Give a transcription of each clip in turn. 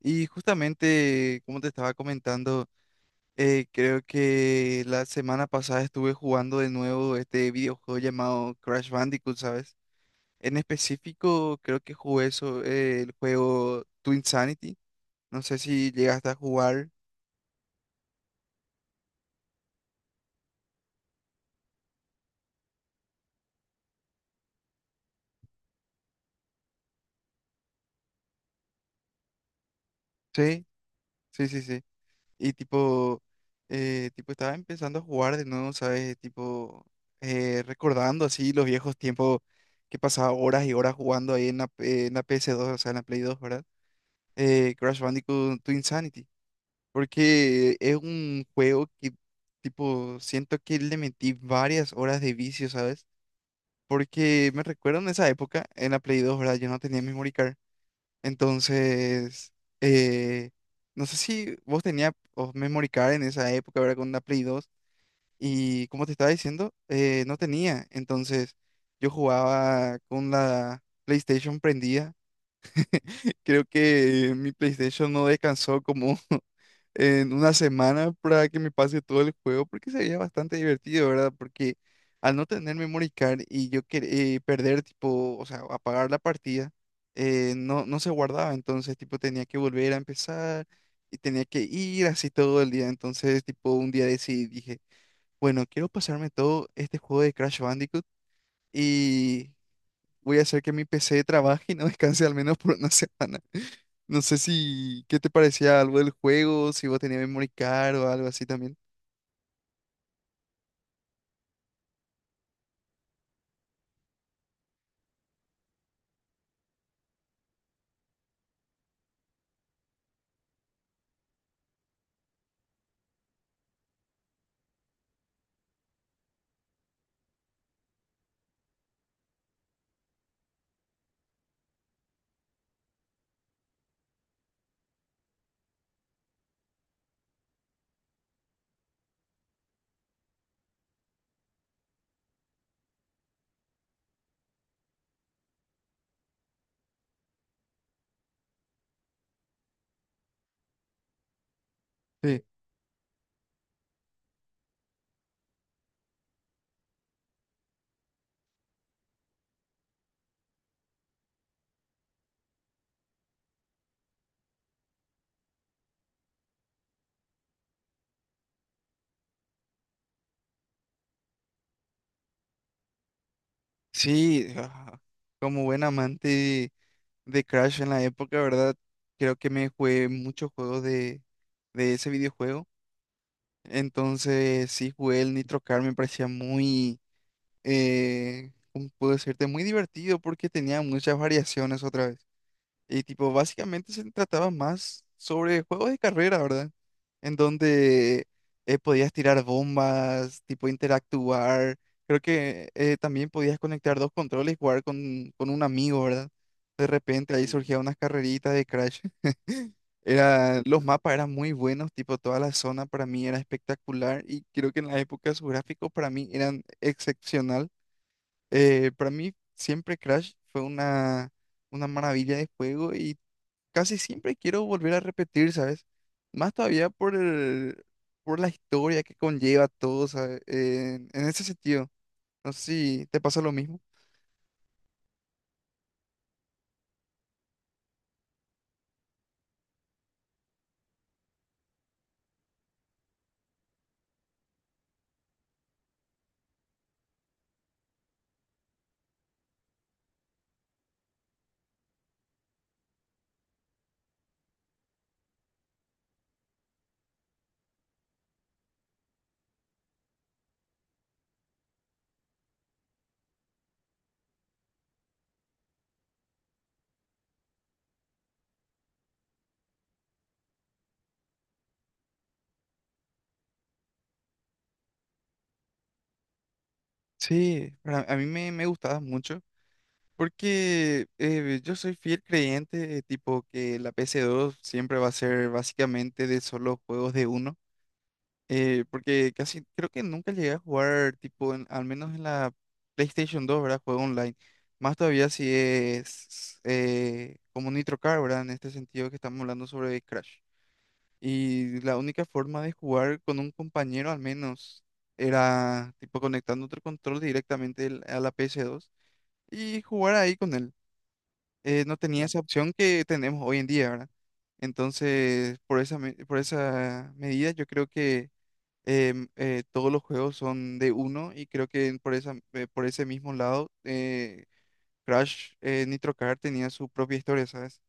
Y justamente, como te estaba comentando, creo que la semana pasada estuve jugando de nuevo este videojuego llamado Crash Bandicoot, ¿sabes? En específico, creo que jugué eso, el juego Twinsanity. No sé si llegaste a jugar. Sí, sí, sí, sí. Y tipo, estaba empezando a jugar de nuevo, ¿sabes? Tipo, recordando así los viejos tiempos que pasaba horas y horas jugando ahí en la PS2, o sea, en la Play 2, ¿verdad? Crash Bandicoot to Insanity, porque es un juego que, tipo, siento que le metí varias horas de vicio, ¿sabes? Porque me recuerdo en esa época, en la Play dos, ¿verdad? Yo no tenía memory card. Entonces, eh, no sé si vos tenías oh, memory card en esa época, ¿verdad? Con la Play dos. Y como te estaba diciendo, no tenía. Entonces, yo jugaba con la PlayStation prendida. Creo que mi PlayStation no descansó como en una semana para que me pase todo el juego, porque sería bastante divertido, ¿verdad? Porque al no tener memory card y perder, tipo, o sea, apagar la partida, no, no se guardaba, entonces, tipo, tenía que volver a empezar y tenía que ir así todo el día, entonces, tipo, un día decidí, dije, bueno, quiero pasarme todo este juego de Crash Bandicoot. Y voy a hacer que mi PC trabaje y no descanse al menos por una semana. No sé si, ¿qué te parecía algo del juego? Si vos tenías memory card o algo así también. Sí. Sí, ah, como buen amante de Crash en la época, ¿verdad? Creo que me jugué muchos juegos de ese videojuego. Entonces, sí, jugué el Nitro Car, me parecía muy, ¿cómo puedo decirte? Muy divertido porque tenía muchas variaciones otra vez. Y tipo, básicamente se trataba más sobre juegos de carrera, ¿verdad? En donde podías tirar bombas, tipo interactuar. Creo que también podías conectar dos controles y jugar con un amigo, ¿verdad? De repente ahí Mm. surgían unas carreritas de Crash. Era, los mapas eran muy buenos, tipo toda la zona para mí era espectacular y creo que en la época sus gráficos para mí eran excepcional. Para mí siempre Crash fue una maravilla de juego y casi siempre quiero volver a repetir, ¿sabes? Más todavía por la historia que conlleva todo, ¿sabes? En ese sentido, no sé si te pasa lo mismo. Sí, a mí me gustaba mucho porque yo soy fiel creyente, tipo que la ps dos siempre va a ser básicamente de solo juegos de uno. Porque casi creo que nunca llegué a jugar, tipo, al menos en la PlayStation 2, ¿verdad? Juego online. Más todavía si es como Nitro Car, ¿verdad? En este sentido que estamos hablando sobre Crash. Y la única forma de jugar con un compañero, al menos, era tipo conectando otro control directamente a la PS2 y jugar ahí con él. No tenía esa opción que tenemos hoy en día, ¿verdad? Entonces, por esa medida, yo creo que todos los juegos son de uno y creo que por esa, por ese mismo lado, Crash Nitro Kart tenía su propia historia, ¿sabes?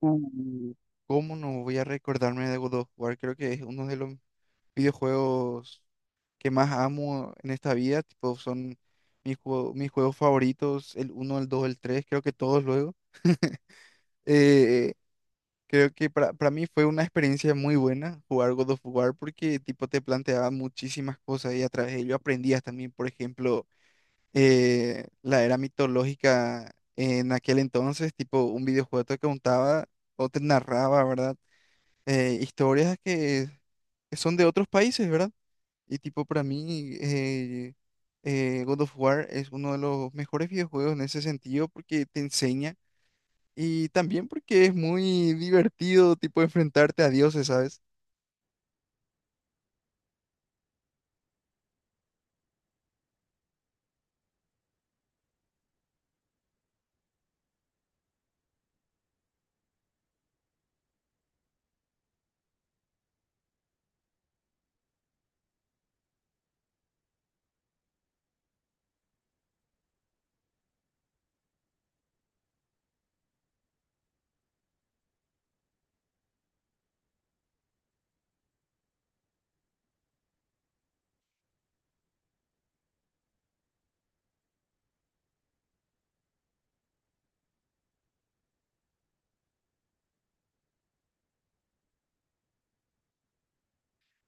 Uh, ¿Cómo no voy a recordarme de God of War? Creo que es uno de los videojuegos que más amo en esta vida, tipo, son mis juegos favoritos, el uno, el dos, el tres, creo que todos luego. Eh, Creo que para mí fue una experiencia muy buena jugar God of War porque tipo te planteaba muchísimas cosas y a través de ello aprendías también, por ejemplo, la era mitológica en aquel entonces, tipo un videojuego te contaba o te narraba, ¿verdad? Historias que son de otros países, ¿verdad? Y tipo para mí God of War es uno de los mejores videojuegos en ese sentido porque te enseña. Y también porque es muy divertido, tipo, enfrentarte a dioses, ¿sabes?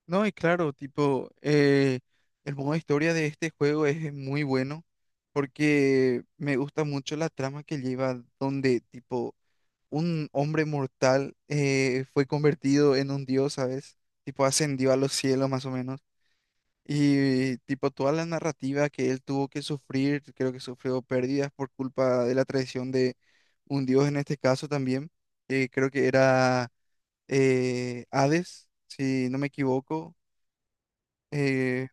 No, y claro, tipo, el modo historia de este juego es muy bueno porque me gusta mucho la trama que lleva donde, tipo, un hombre mortal fue convertido en un dios, ¿sabes? Tipo, ascendió a los cielos más o menos. Y tipo toda la narrativa que él tuvo que sufrir, creo que sufrió pérdidas por culpa de la traición de un dios en este caso también, creo que era Hades, si no me equivoco. eh,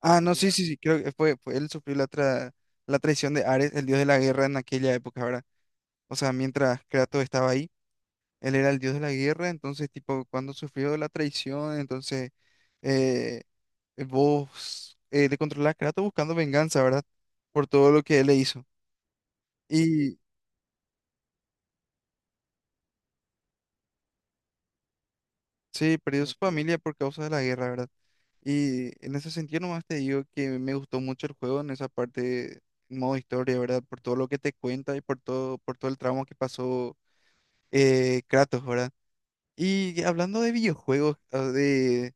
ah, no, sí, sí, sí, creo que fue él, sufrió la traición de Ares, el dios de la guerra en aquella época, ¿verdad? O sea, mientras Kratos estaba ahí, él era el dios de la guerra, entonces tipo cuando sufrió la traición, entonces eh, vos le controlás a Kratos buscando venganza, ¿verdad? Por todo lo que él le hizo. Y sí, perdió su familia por causa de la guerra, ¿verdad? Y en ese sentido nomás te digo que me gustó mucho el juego en esa parte, en modo historia, ¿verdad? Por todo lo que te cuenta y por todo el tramo que pasó Kratos, ¿verdad? Y hablando de videojuegos,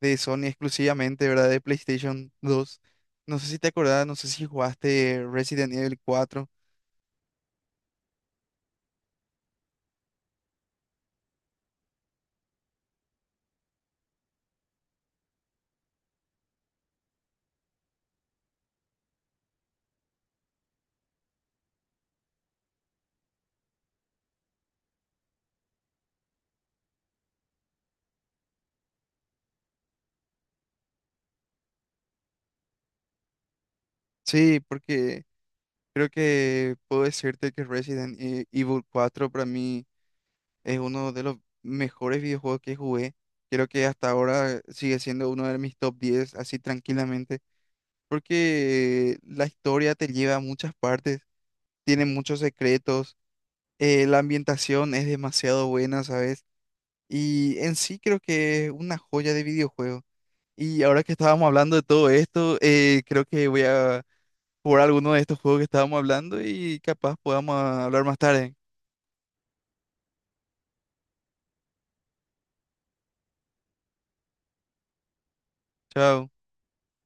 de Sony exclusivamente, ¿verdad? De PlayStation 2, no sé si te acordás, no sé si jugaste Resident Evil cuatro. Sí, porque creo que puedo decirte que Evil cuatro para mí es uno de los mejores videojuegos que jugué. Creo que hasta ahora sigue siendo uno de mis top 10 así tranquilamente, porque la historia te lleva a muchas partes, tiene muchos secretos, la ambientación es demasiado buena, ¿sabes? Y en sí creo que es una joya de videojuego. Y ahora que estábamos hablando de todo esto, creo que voy a jugar alguno de estos juegos que estábamos hablando y capaz podamos ah, hablar más tarde. Chao.